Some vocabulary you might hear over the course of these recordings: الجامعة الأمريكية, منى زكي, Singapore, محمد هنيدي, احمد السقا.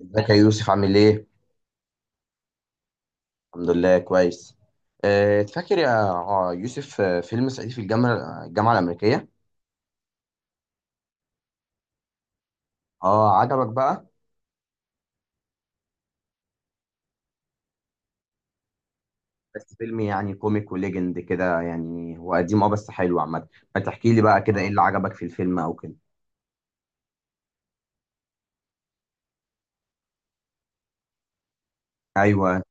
ازيك يا يوسف عامل ايه؟ الحمد لله كويس. فاكر يا يوسف فيلم صعيدي في الجامعة الأمريكية؟ اه، عجبك بقى؟ بس فيلم يعني كوميك وليجند كده، يعني هو قديم بس حلو عامة. ما تحكي لي بقى كده ايه اللي عجبك في الفيلم او كده؟ ايوه،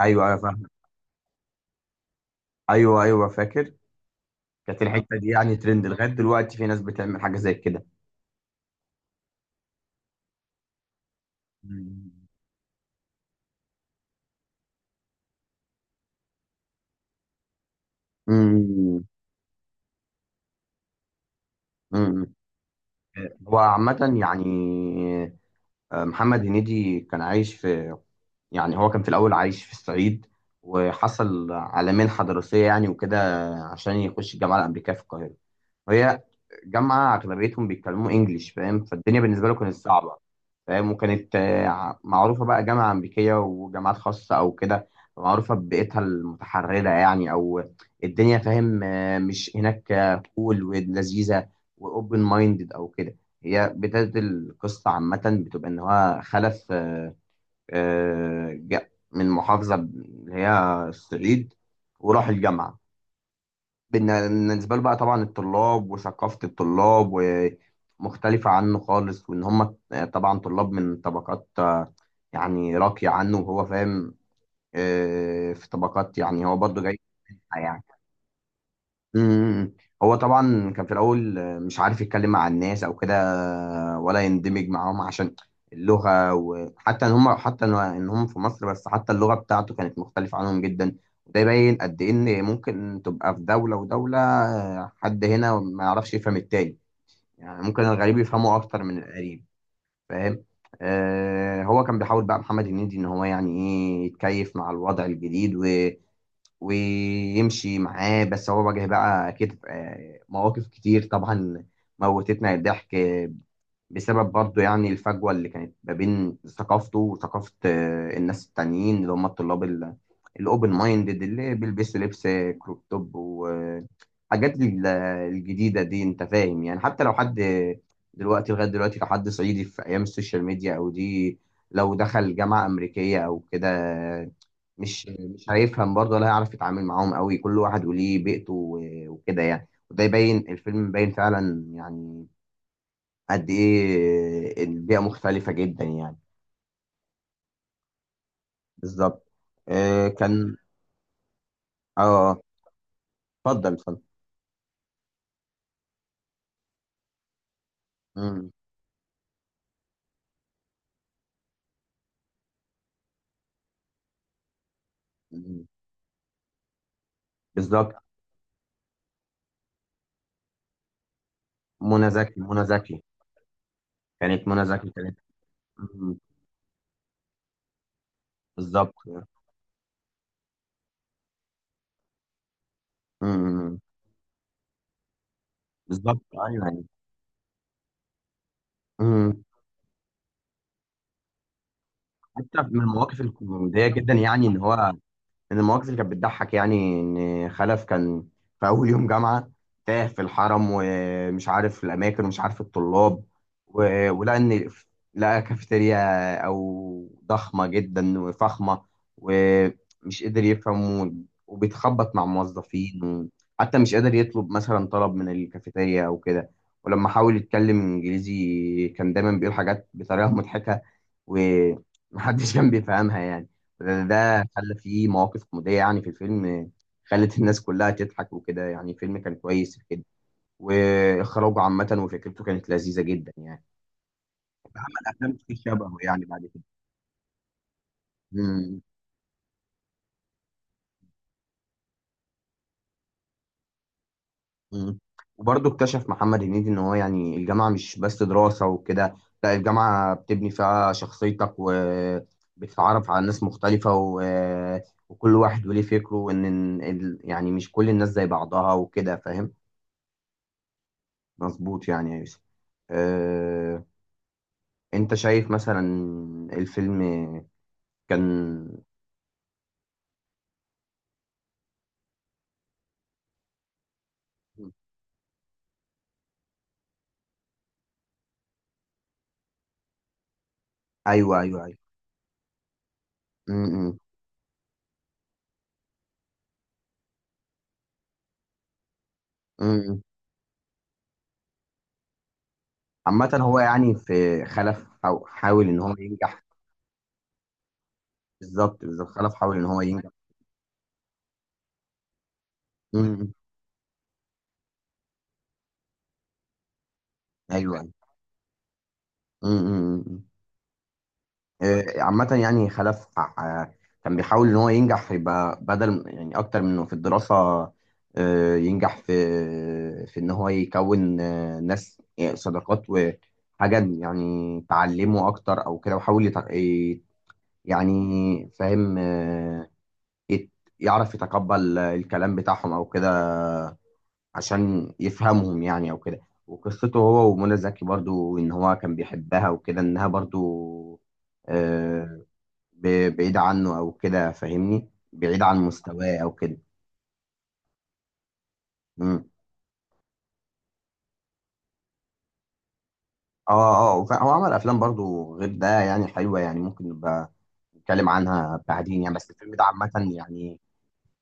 ايوه، ايوه، فاهم. ايوه، ايوه، فاكر. كانت الحتة دي يعني ترند لغاية دلوقتي، في ناس بتعمل حاجة زي كده. مم. امم. امم. هو عامة يعني محمد هنيدي كان عايش في. يعني هو كان في الأول عايش في الصعيد، وحصل على منحة دراسية يعني وكده، عشان يخش الجامعة الأمريكية في القاهرة، وهي جامعة أغلبيتهم بيتكلموا إنجليش، فاهم، فالدنيا بالنسبة له كانت صعبة. فاهم، وكانت معروفة بقى جامعة أمريكية وجامعات خاصة أو كده، معروفة ببيئتها المتحررة يعني، أو الدنيا، فاهم، مش هناك كول ولذيذة، وأوبن مايندد أو كده. هي بداية القصة عامة بتبقى إن هو خلف جاء من محافظة اللي هي الصعيد، وراح الجامعة. بالنسبة له بقى طبعا، الطلاب وثقافة الطلاب ومختلفة عنه خالص، وإن هم طبعا طلاب من طبقات يعني راقية عنه، وهو فاهم في طبقات، يعني هو برضه جاي. امم. هو طبعا كان في الاول، مش عارف يتكلم مع الناس او كده، ولا يندمج معاهم، عشان اللغه، وحتى ان هم حتى ان إن هم في مصر بس، حتى اللغه بتاعته كانت مختلفه عنهم جدا. وده يبين قد ايه ان ممكن تبقى في دوله ودوله، حد هنا ما يعرفش يفهم التاني، يعني ممكن الغريب يفهمه اكتر من القريب. فاهم. هو كان بيحاول بقى محمد هنيدي ان هو يعني ايه يتكيف مع الوضع الجديد ويمشي معاه، بس هو واجه بقى أكيد مواقف كتير طبعا، موتتنا الضحك، بسبب برضه يعني الفجوة اللي كانت ما بين ثقافته وثقافة الناس التانيين اللي هم الطلاب الأوبن مايندد، اللي بيلبسوا لبس كروب توب، وحاجات الجديدة دي. أنت فاهم، يعني حتى لو حد دلوقتي، لغاية دلوقتي، لو حد صعيدي في أيام السوشيال ميديا أو دي، لو دخل جامعة أمريكية أو كده، مش هيفهم برضه، ولا هيعرف يتعامل معاهم قوي. كل واحد وليه بيئته وكده، يعني وده يبين الفيلم باين فعلا يعني قد ايه البيئه مختلفه جدا يعني. بالظبط. كان. اه آه، اتفضل اتفضل. مم. مم. بالظبط. منى زكي، منى زكي. كانت منى زكي، كانت. مم. بالظبط. مم. بالظبط، ايوه، يعني. مم. حتى من المواقف الكوميديه جدا، يعني ان هو، من المواقف اللي كانت بتضحك، يعني ان خلف كان في اول يوم جامعه، تاه في الحرم، ومش عارف الاماكن، ومش عارف الطلاب، ولقى ان، لقى كافيتيريا او ضخمه جدا وفخمه، ومش قادر يفهم، وبيتخبط مع موظفين، وحتى مش قادر يطلب مثلا طلب من الكافيتيريا او كده. ولما حاول يتكلم انجليزي، كان دايما بيقول حاجات بطريقه مضحكه، ومحدش كان بيفهمها يعني، لأن ده خلى فيه مواقف كوميدية يعني في الفيلم، خلت الناس كلها تضحك وكده. يعني الفيلم كان كويس في كده، وإخراجه عامة وفكرته كانت لذيذة جدا يعني. عمل أفلام كتير شبهه يعني بعد كده. مم. مم. وبرضه اكتشف محمد هنيدي إن هو، يعني الجامعة مش بس دراسة وكده، لا الجامعة بتبني فيها شخصيتك، وبتتعرف على ناس مختلفة، و... وكل واحد وليه فكره، وإن يعني مش كل الناس زي بعضها وكده، فاهم. مظبوط يعني يا يوسف. أه... انت شايف مثلا الفيلم كان. ايوه، ايوه، ايوه. م- م- م- عامة هو يعني في خلف حاول ان هو ينجح. بالظبط، بالظبط، خلف حاول ان هو ينجح. م- م. ايوه، ايوه. م- م- م. عامة يعني خلف كان بيحاول إن هو ينجح، يبقى بدل يعني أكتر من إنه في الدراسة، ينجح في، في إن هو يكون ناس يعني صداقات وحاجة يعني تعلمه أكتر أو كده، وحاول يعني، فاهم، يت- يعرف يتقبل الكلام بتاعهم أو كده، عشان يفهمهم يعني أو كده. وقصته هو ومنى زكي برضو، إن هو كان بيحبها وكده، إنها برضو آه، بعيد عنه او كده، فاهمني، بعيد عن مستواه او كده. امم. اه، اه، هو عمل افلام برضو غير ده، يعني حلوه، يعني ممكن نبقى نتكلم عنها بعدين يعني، بس الفيلم ده عامه يعني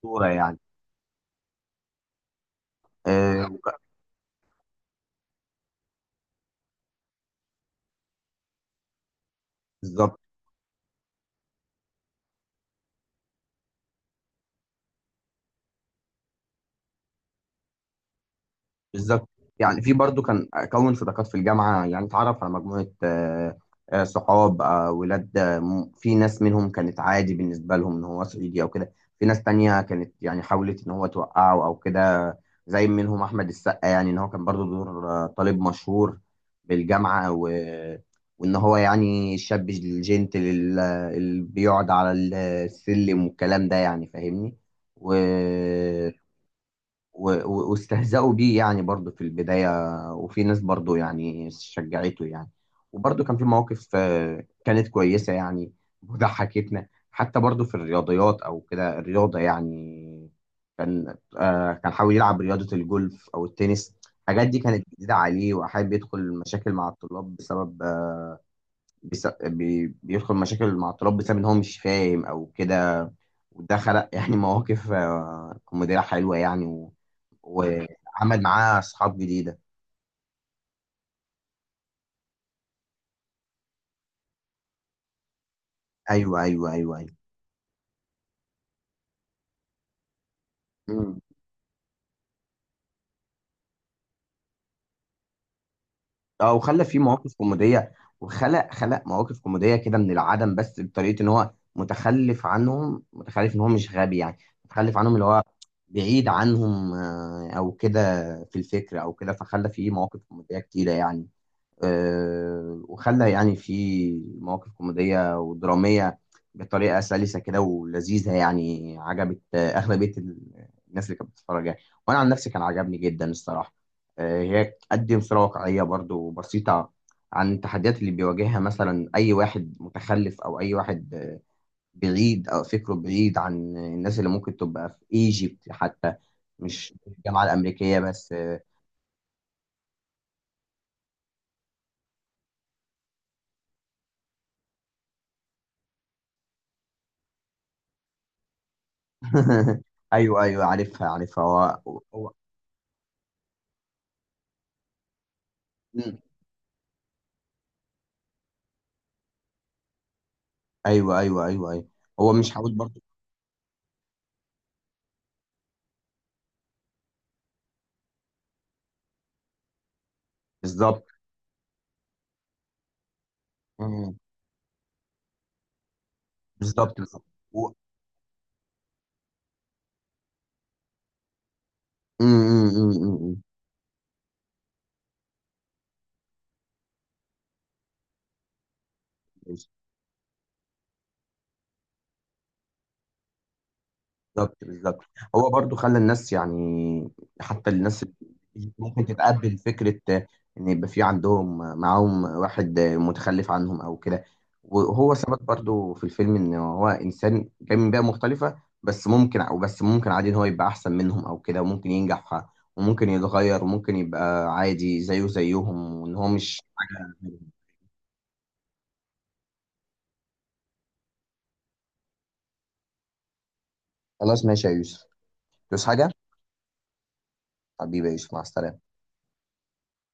صوره يعني. آه بالظبط، بالظبط. يعني في برضو كان اكون صداقات في الجامعه، يعني اتعرف على مجموعه صحاب ولاد في ناس منهم كانت عادي بالنسبه لهم ان هو صعيدي او كده. في ناس تانية كانت يعني حاولت ان هو توقعه او كده. زي منهم احمد السقا، يعني ان هو كان برضو دور طالب مشهور بالجامعه. و... وان هو يعني الشاب الجنتل اللي بيقعد على السلم والكلام ده يعني، فاهمني. و واستهزأوا بيه يعني برضه في البداية. وفي ناس برضه يعني شجعته يعني، وبرضه كان في مواقف كانت كويسة يعني وضحكتنا. حتى برضه في الرياضيات أو كده، الرياضة يعني، كان حاول يلعب رياضة الجولف أو التنس. الحاجات دي كانت جديدة عليه، وحابب يدخل مشاكل مع الطلاب بسبب بس بيدخل مشاكل مع الطلاب بسبب إن هو مش فاهم أو كده، وده خلق يعني مواقف كوميدية حلوة يعني، وعمل معاه اصحاب جديده. ايوه، ايوه، ايوه، ايوه. مم. اه، وخلى فيه مواقف كوميديه، وخلق خلق مواقف كوميديه كده من العدم، بس بطريقه ان هو متخلف عنهم، متخلف ان هو مش غبي يعني، متخلف عنهم اللي هو بعيد عنهم او كده، في الفكر او كده. فخلى فيه مواقف كوميديه كتيره يعني، وخلى يعني في مواقف كوميدية ودرامية بطريقة سلسة كده ولذيذة يعني. عجبت أغلبية الناس اللي كانت بتتفرج يعني. وأنا عن نفسي كان عجبني جدا الصراحة. هي بتقدم صورة واقعية برضو بسيطة عن التحديات اللي بيواجهها مثلا، أي واحد متخلف أو أي واحد بعيد أو فكره بعيد عن الناس، اللي ممكن تبقى في إيجيبت حتى، مش الجامعة الأمريكية بس أيوه، أيوه، عارفها، عارفها. هو. مم. ايوه، ايوه، ايوه، ايوه. هو مش عاوز برضه. بالظبط. مم. بالظبط، بالظبط. و... مم، مم، مم، مم، مم. بالظبط، بالظبط. هو برضو خلى الناس يعني، حتى الناس اللي ممكن تتقبل فكرة، ان يبقى في عندهم معاهم واحد متخلف عنهم او كده. وهو ثبت برضو في الفيلم ان هو انسان جاي من بيئة مختلفة، بس ممكن او بس ممكن عادي ان هو يبقى احسن منهم او كده، وممكن ينجح، وممكن يتغير، وممكن يبقى عادي زيه زيهم، وان هو مش حاجة. خلاص ماشي يا يوسف. تدوس حاجة. حبيبي يا يوسف، مع السلامة.